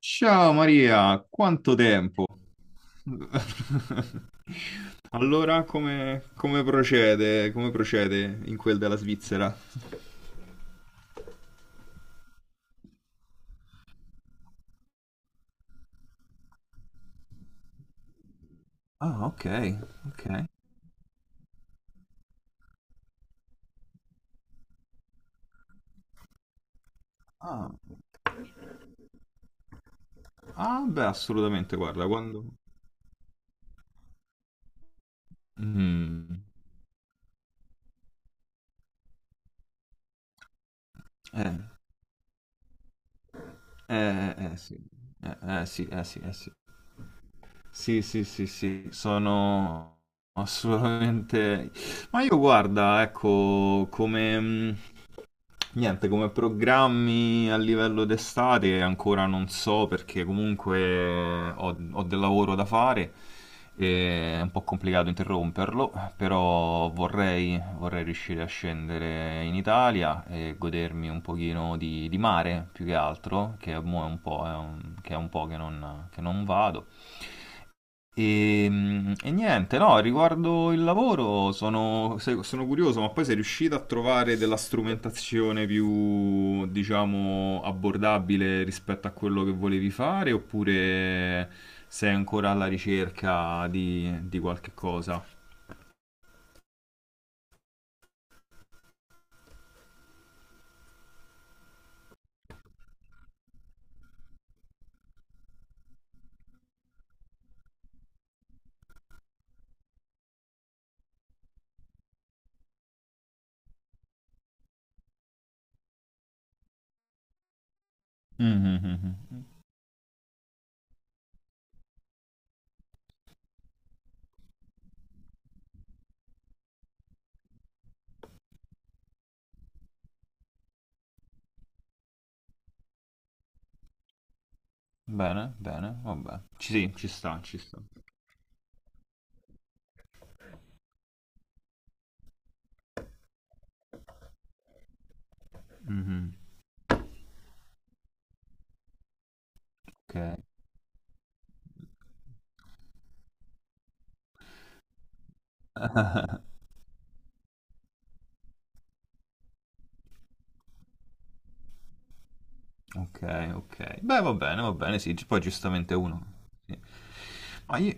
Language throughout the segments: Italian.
Ciao Maria, quanto tempo? Allora, come procede? Come procede in quel della Svizzera? Ah, ok, ok. Ah, ah, beh, assolutamente, guarda, quando. Mm. Eh, sì. Sì, sì, sì. Sì, sì, sì, sì, sono assolutamente. Ma io guarda, ecco, niente, come programmi a livello d'estate ancora non so perché comunque ho del lavoro da fare e è un po' complicato interromperlo, però vorrei riuscire a scendere in Italia e godermi un pochino di mare più che altro, che mo è un po', che è un po' che non vado. E niente, no, riguardo il lavoro sono, se- sono curioso, ma poi sei riuscito a trovare della strumentazione più, diciamo, abbordabile rispetto a quello che volevi fare, oppure sei ancora alla ricerca di qualche cosa? Mhm, mhm, mhm. Bene, bene, vabbè. Sì, ci sta, ci sta. Mhm, ok. Ok, ok. Beh, va bene, sì, poi giustamente uno. Sì. Ma io,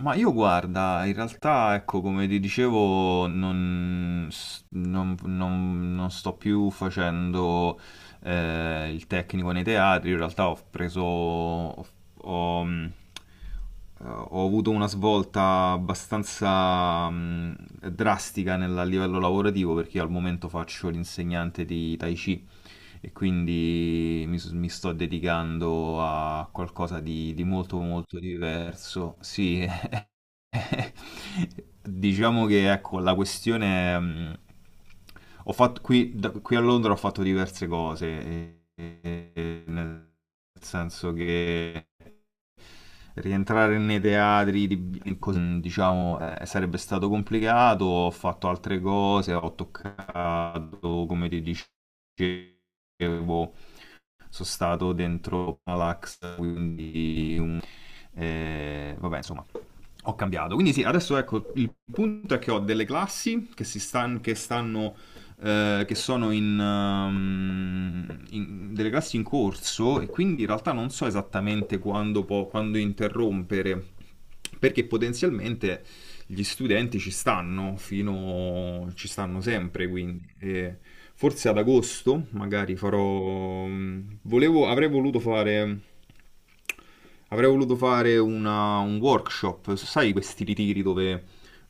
ma io guarda, in realtà, ecco, come ti dicevo, non, s- non- non- non sto più facendo il tecnico nei teatri. Io in realtà ho preso... ho- ho, ho avuto una svolta abbastanza drastica a livello lavorativo perché io al momento faccio l'insegnante di Tai Chi e quindi mi sto dedicando a qualcosa di molto molto diverso. Sì, diciamo che ecco, la questione. Ho fatto, qui, da- Qui a Londra ho fatto diverse cose, e- nel senso che rientrare nei teatri, diciamo, sarebbe stato complicato, ho fatto altre cose, ho toccato, come ti dicevo, sono stato dentro Malax, quindi vabbè, insomma, ho cambiato. Quindi sì, adesso ecco, il punto è che ho delle classi che stanno, che sono in delle classi in corso, e quindi in realtà non so esattamente quando interrompere, perché potenzialmente gli studenti ci stanno sempre, quindi e forse ad agosto magari avrei voluto fare. Avrei voluto fare un workshop, sai questi ritiri dove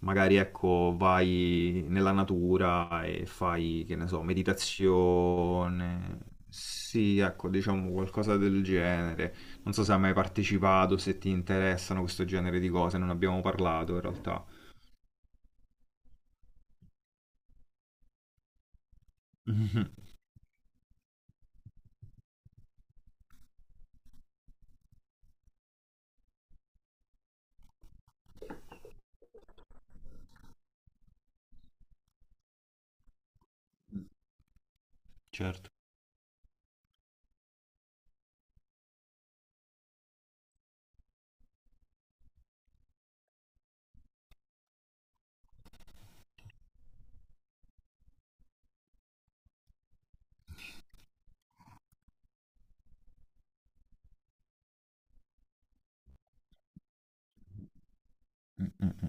magari ecco, vai nella natura e fai, che ne so, meditazione. Sì, ecco, diciamo qualcosa del genere. Non so se hai mai partecipato, se ti interessano questo genere di cose, non abbiamo parlato in realtà. Mhm, certo. Mm,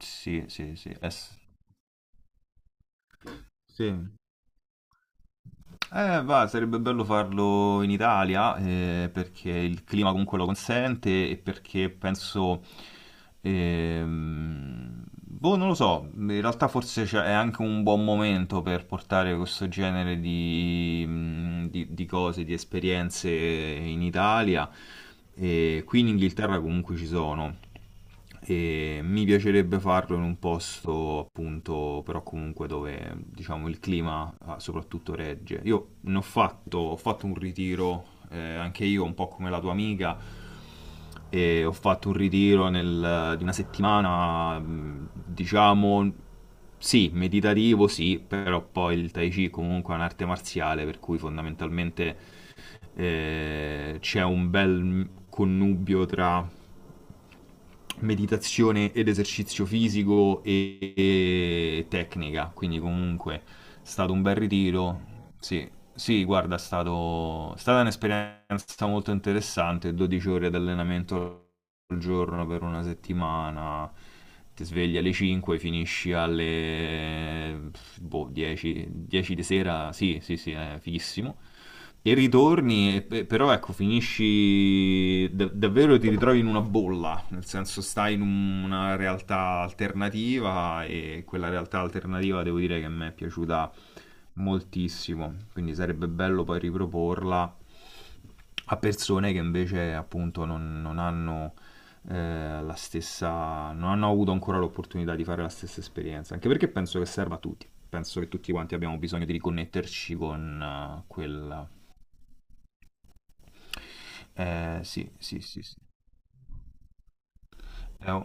sì, sì, sì. Sì. Va, sarebbe bello farlo in Italia, perché il clima comunque lo consente e perché penso. Boh, non lo so, in realtà forse è anche un buon momento per portare questo genere di cose, di esperienze in Italia. E qui in Inghilterra comunque ci sono. E mi piacerebbe farlo in un posto appunto, però comunque dove diciamo il clima soprattutto regge. Io ho fatto un ritiro, anche io un po' come la tua amica, e ho fatto un ritiro di una settimana, diciamo, sì, meditativo, sì, però poi il Tai Chi comunque è un'arte marziale, per cui fondamentalmente c'è un bel connubio tra meditazione ed esercizio fisico e tecnica, quindi comunque è stato un bel ritiro. Sì, sì, guarda, è stata un'esperienza molto interessante, 12 ore di allenamento al giorno per una settimana, ti svegli alle 5, finisci alle boh, 10, 10 di sera, sì, sì, sì, è fighissimo e ritorni, però ecco, finisci davvero ti ritrovi in una bolla, nel senso stai in una realtà alternativa, e quella realtà alternativa devo dire che a me è piaciuta moltissimo, quindi sarebbe bello poi riproporla a persone che invece appunto non hanno la stessa, non hanno avuto ancora l'opportunità di fare la stessa esperienza, anche perché penso che serva a tutti. Penso che tutti quanti abbiamo bisogno di riconnetterci con quel, sì, sì, sì, sì. È un-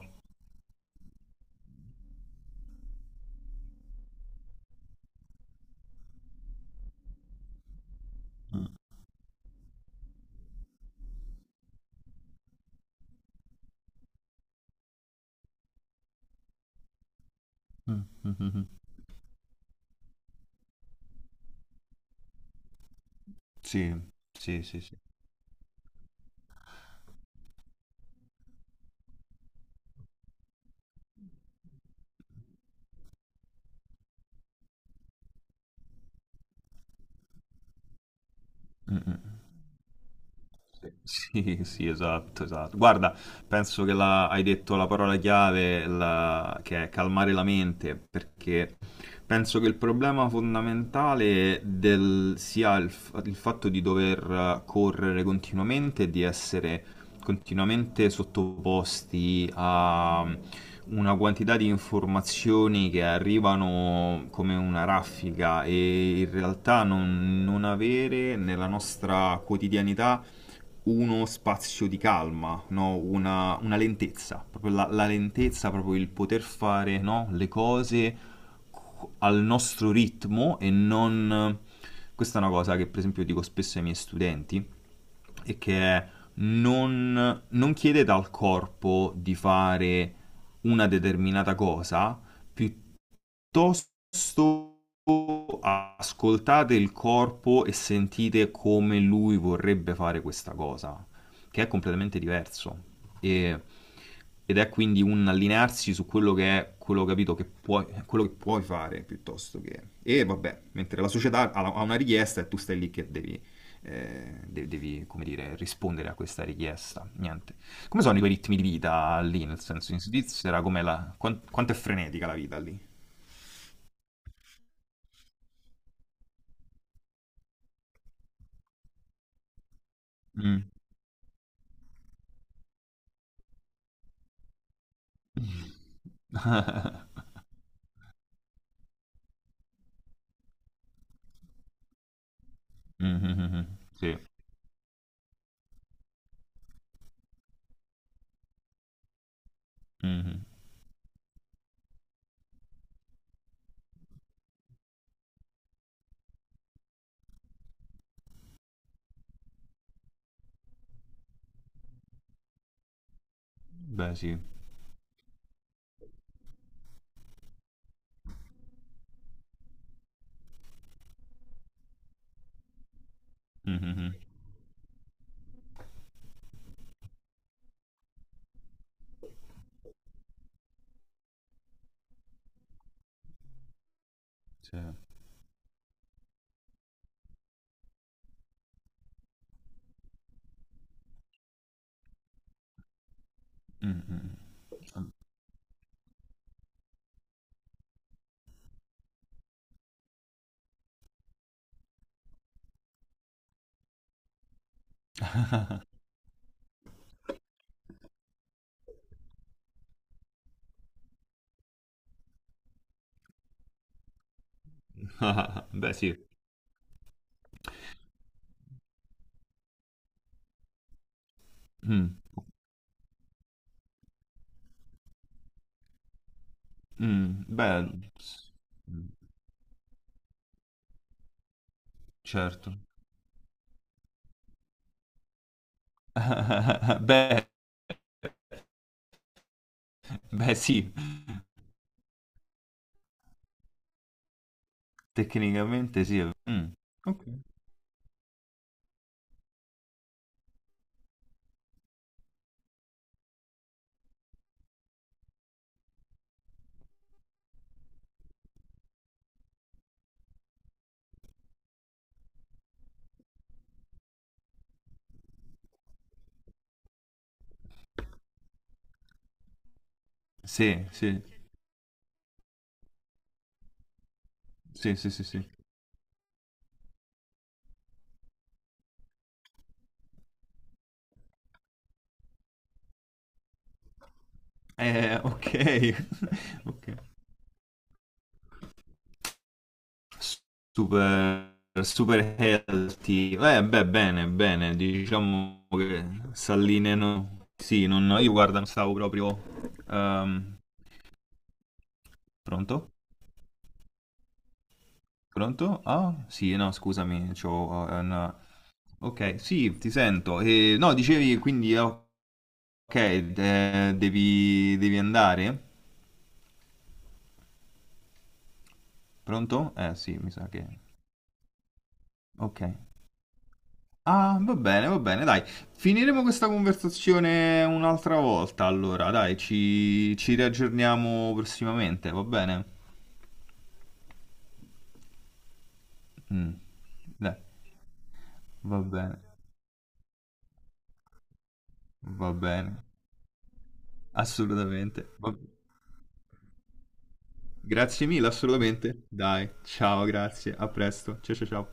Mm, mm, mm, mm. Sì, sì, sì, sì. Mm, mm. Sì, sì, esatto, esatto. Guarda, penso che hai detto la parola chiave, che è calmare la mente, perché penso che il problema fondamentale sia il fatto di dover correre continuamente e di essere continuamente sottoposti a una quantità di informazioni che arrivano come una raffica, e in realtà non avere nella nostra quotidianità uno spazio di calma, no? Una lentezza, proprio la lentezza, proprio il poter fare, no, le cose al nostro ritmo e non. Questa è una cosa che per esempio dico spesso ai miei studenti, e che è non chiedete al corpo di fare una determinata cosa, piuttosto piuttosto ascoltate il corpo e sentite come lui vorrebbe fare questa cosa, che è completamente diverso. E- Ed è quindi un allinearsi su quello che è, quello capito che puoi, quello che puoi fare piuttosto che. E vabbè, mentre la società ha una richiesta e tu stai lì che devi come dire, rispondere a questa richiesta. Niente. Come sono i tuoi ritmi di vita lì, nel senso in Svizzera, com'è quanto è frenetica la vita lì? Mh. Mh-mh-mh-mh. Sì. Mh-mh. Beh sì. Mh-mh-mh. Sì. Mh-mh. Beh sì. Mh. Mh. Beh, s mh, certo. Beh, beh sì, tecnicamente sì. Mh. Okay. Sì, sì. Sì, sì, sì, sì. Okay. Okay. Super, super healthy. Beh, bene, bene. Diciamo che s'allineano. Sì, non, io guarda, non stavo proprio. ehm, Pronto? Pronto? Ah, sì, no, scusami, c'ho, una. Ok, sì, ti sento. E, no, dicevi quindi, ok, devi andare? Pronto? Sì, mi sa che. Ok. Ah, va bene, dai. Finiremo questa conversazione un'altra volta, allora, dai, ci riaggiorniamo prossimamente, va bene? Mm, dai, va bene, va bene, assolutamente. Grazie mille, assolutamente. Dai, ciao, grazie, a presto, ciao ciao ciao.